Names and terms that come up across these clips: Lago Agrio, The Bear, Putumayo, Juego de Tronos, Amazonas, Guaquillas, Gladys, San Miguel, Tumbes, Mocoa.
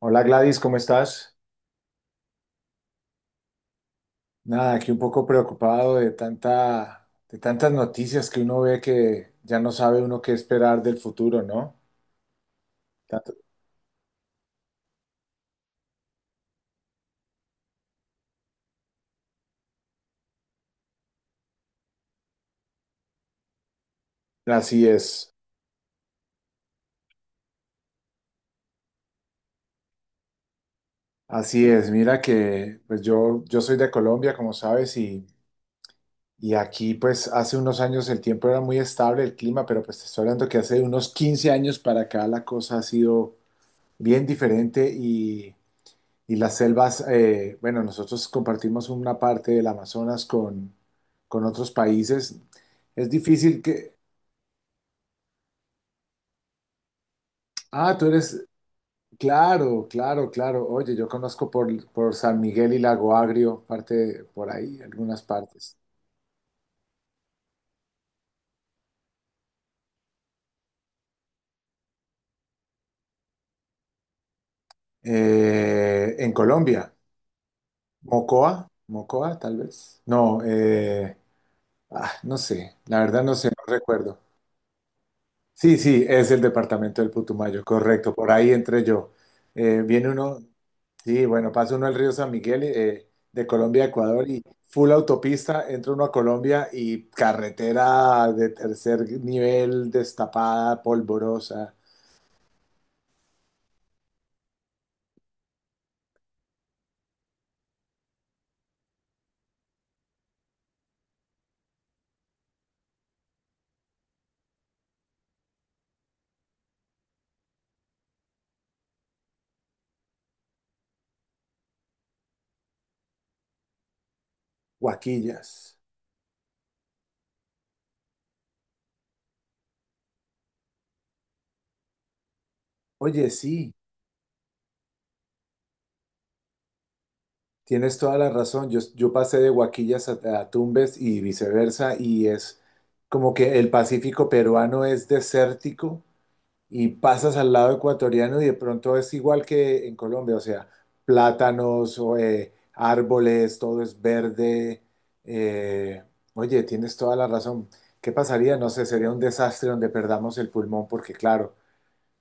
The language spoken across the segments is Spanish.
Hola Gladys, ¿cómo estás? Nada, aquí un poco preocupado de tantas noticias que uno ve que ya no sabe uno qué esperar del futuro, ¿no? Tanto- Así es, así es. Mira que pues yo soy de Colombia, como sabes, y aquí pues hace unos años el tiempo era muy estable, el clima, pero pues te estoy hablando que hace unos 15 años para acá la cosa ha sido bien diferente. Y las selvas, bueno, nosotros compartimos una parte del Amazonas con otros países. Es difícil que... Ah, tú eres... Claro, claro, claro. Oye, yo conozco por San Miguel y Lago Agrio, parte de- por ahí, algunas partes. En Colombia, Mocoa, Mocoa, tal vez. No, ah, no sé, la verdad no sé, no recuerdo. Sí, sí, es el departamento del Putumayo, correcto, por ahí entré yo. Eh, viene uno, sí, bueno, pasa uno al río San Miguel de Colombia a Ecuador y full autopista, entra uno a Colombia y carretera de tercer nivel, destapada, polvorosa. Guaquillas. Oye, sí, tienes toda la razón, yo pasé de Guaquillas a Tumbes y viceversa y es como que el Pacífico peruano es desértico y pasas al lado ecuatoriano y de pronto es igual que en Colombia, o sea, plátanos, o, árboles, todo es verde. eh, Oye, tienes toda la razón. ¿Qué pasaría? No sé, sería un desastre donde perdamos el pulmón porque, claro,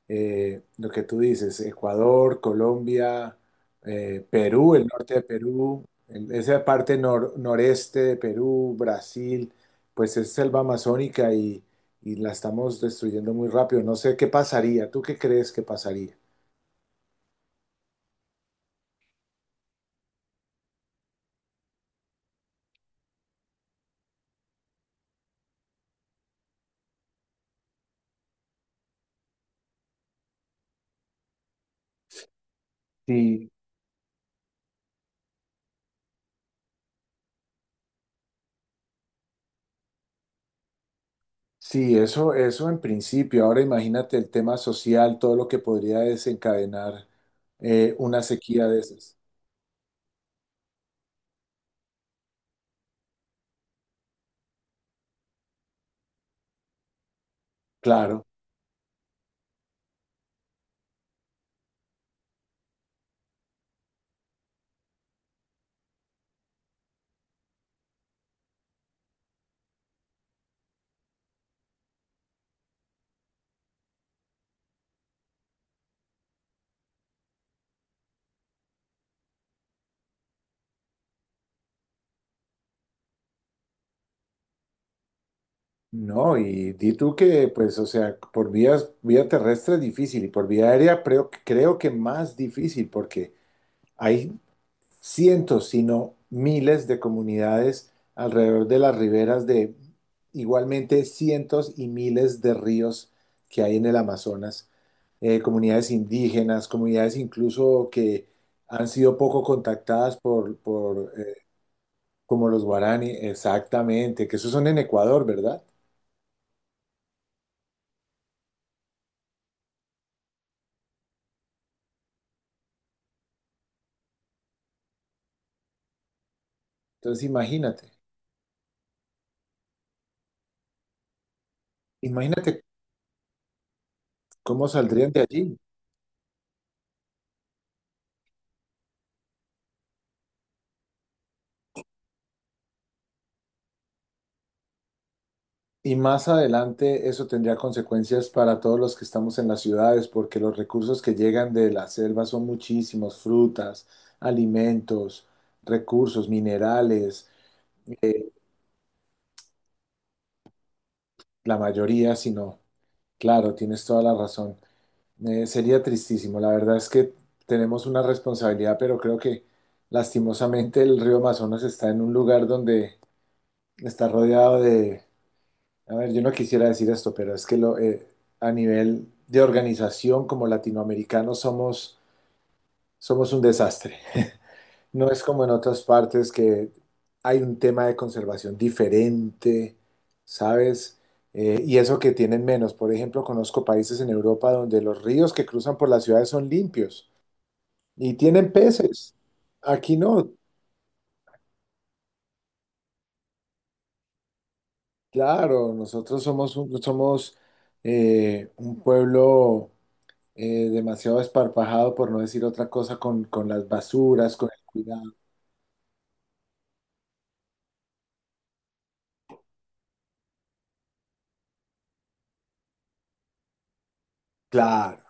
lo que tú dices, Ecuador, Colombia, Perú, el norte de Perú, el- esa parte nor- noreste de Perú, Brasil, pues es selva amazónica y la estamos destruyendo muy rápido. No sé qué pasaría, ¿tú qué crees que pasaría? Sí, sí, eso en principio. Ahora imagínate el tema social, todo lo que podría desencadenar una sequía de esas. Claro. No, y di tú que, pues, o sea, por vías, vía terrestre es difícil y por vía aérea creo que más difícil porque hay cientos, si no miles de comunidades alrededor de las riberas de igualmente cientos y miles de ríos que hay en el Amazonas, comunidades indígenas, comunidades incluso que han sido poco contactadas por como los guaraní, exactamente, que esos son en Ecuador, ¿verdad? Entonces imagínate. Imagínate cómo saldrían de allí. Y más adelante eso tendría consecuencias para todos los que estamos en las ciudades, porque los recursos que llegan de la selva son muchísimos, frutas, alimentos, recursos, minerales, la mayoría, si no. Claro, tienes toda la razón. Sería tristísimo. La verdad es que tenemos una responsabilidad, pero creo que lastimosamente el río Amazonas está en un lugar donde está rodeado de... A ver, yo no quisiera decir esto, pero es que a nivel de organización como latinoamericanos somos un desastre. No es como en otras partes que hay un tema de conservación diferente, ¿sabes? Y eso que tienen menos. Por ejemplo, conozco países en Europa donde los ríos que cruzan por las ciudades son limpios y tienen peces. Aquí no. Claro, somos, un pueblo demasiado esparpajado, por no decir otra cosa, con las basuras, con el cuidado. Claro,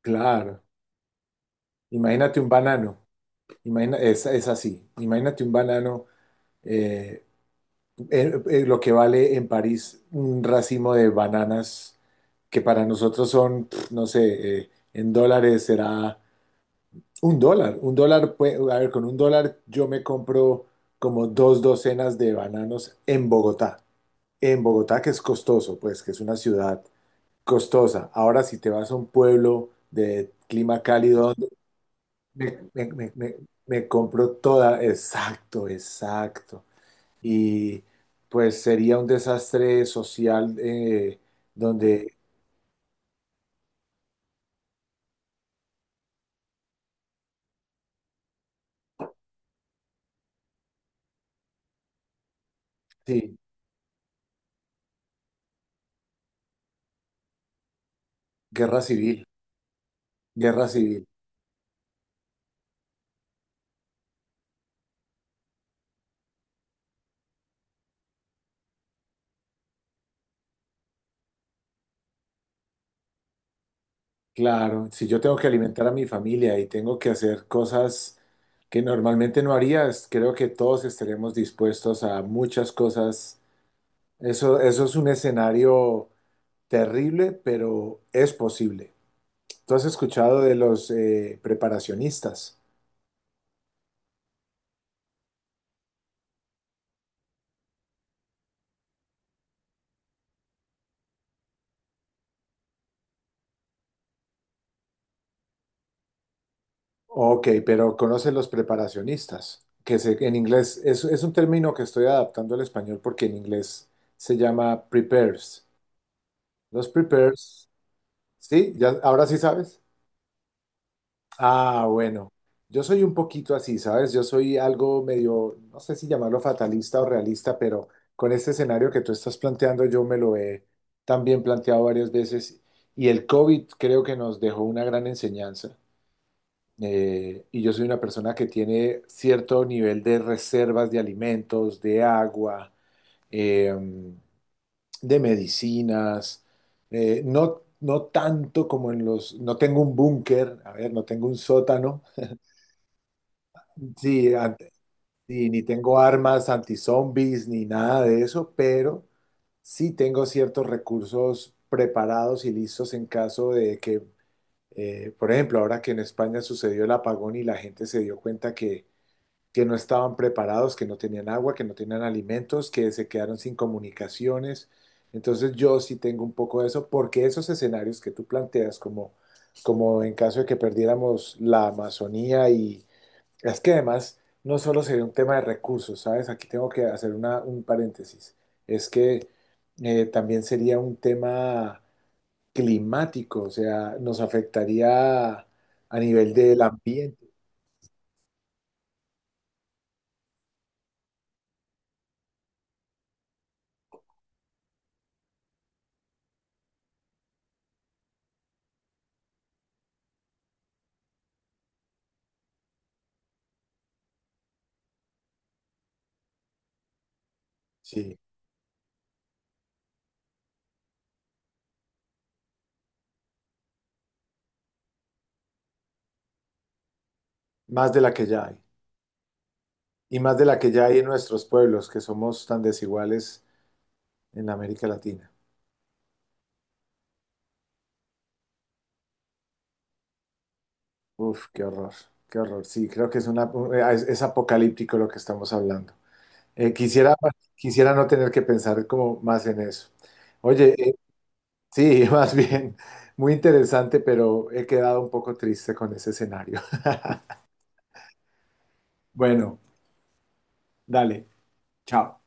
claro. Imagínate un banano, imagina, es así. Imagínate un banano, eh, lo que vale en París un racimo de bananas que para nosotros son, pf, no sé, en dólares será un dólar. Un dólar, pue- a ver, con un dólar yo me compro como dos docenas de bananos en Bogotá. En Bogotá, que es costoso, pues, que es una ciudad costosa. Ahora, si te vas a un pueblo de clima cálido, ¿dónde? me, me, me- me- me compro toda, exacto, exacto. Y pues sería un desastre social donde, sí, guerra civil, guerra civil. Claro, si yo tengo que alimentar a mi familia y tengo que hacer cosas que normalmente no harías, creo que todos estaremos dispuestos a muchas cosas. Eso es un escenario terrible, pero es posible. ¿Tú has escuchado de los preparacionistas? Ok, pero ¿conoces los preparacionistas? Que se- en inglés es un término que estoy adaptando al español porque en inglés se llama prepares. Los prepares, ¿sí? ¿Ya, ahora sí sabes? Ah, bueno, yo soy un poquito así, ¿sabes? Yo soy algo medio, no sé si llamarlo fatalista o realista, pero con este escenario que tú estás planteando, yo me lo he también planteado varias veces y el COVID creo que nos dejó una gran enseñanza. Y yo soy una persona que tiene cierto nivel de reservas de alimentos, de agua, eh, de medicinas, no, no tanto como en los... No tengo un búnker, a ver, no tengo un sótano. Sí, ante- y ni tengo armas anti-zombies ni nada de eso, pero sí tengo ciertos recursos preparados y listos en caso de que, por ejemplo, ahora que en España sucedió el apagón y la gente se dio cuenta que no estaban preparados, que no tenían agua, que no tenían alimentos, que se quedaron sin comunicaciones. Entonces yo sí tengo un poco de eso, porque esos escenarios que tú planteas, como, como en caso de que perdiéramos la Amazonía. Y es que además no solo sería un tema de recursos, ¿sabes? Aquí tengo que hacer una- un paréntesis. Es que también sería un tema climático, o sea, nos afectaría a nivel del ambiente, sí, más de la que ya hay. Y más de la que ya hay en nuestros pueblos, que somos tan desiguales en América Latina. Uf, qué horror, qué horror. Sí, creo que es una, es apocalíptico lo que estamos hablando. Eh, quisiera, quisiera no tener que pensar como más en eso. Oye, sí, más bien, muy interesante, pero he quedado un poco triste con ese escenario. Bueno, dale, chao.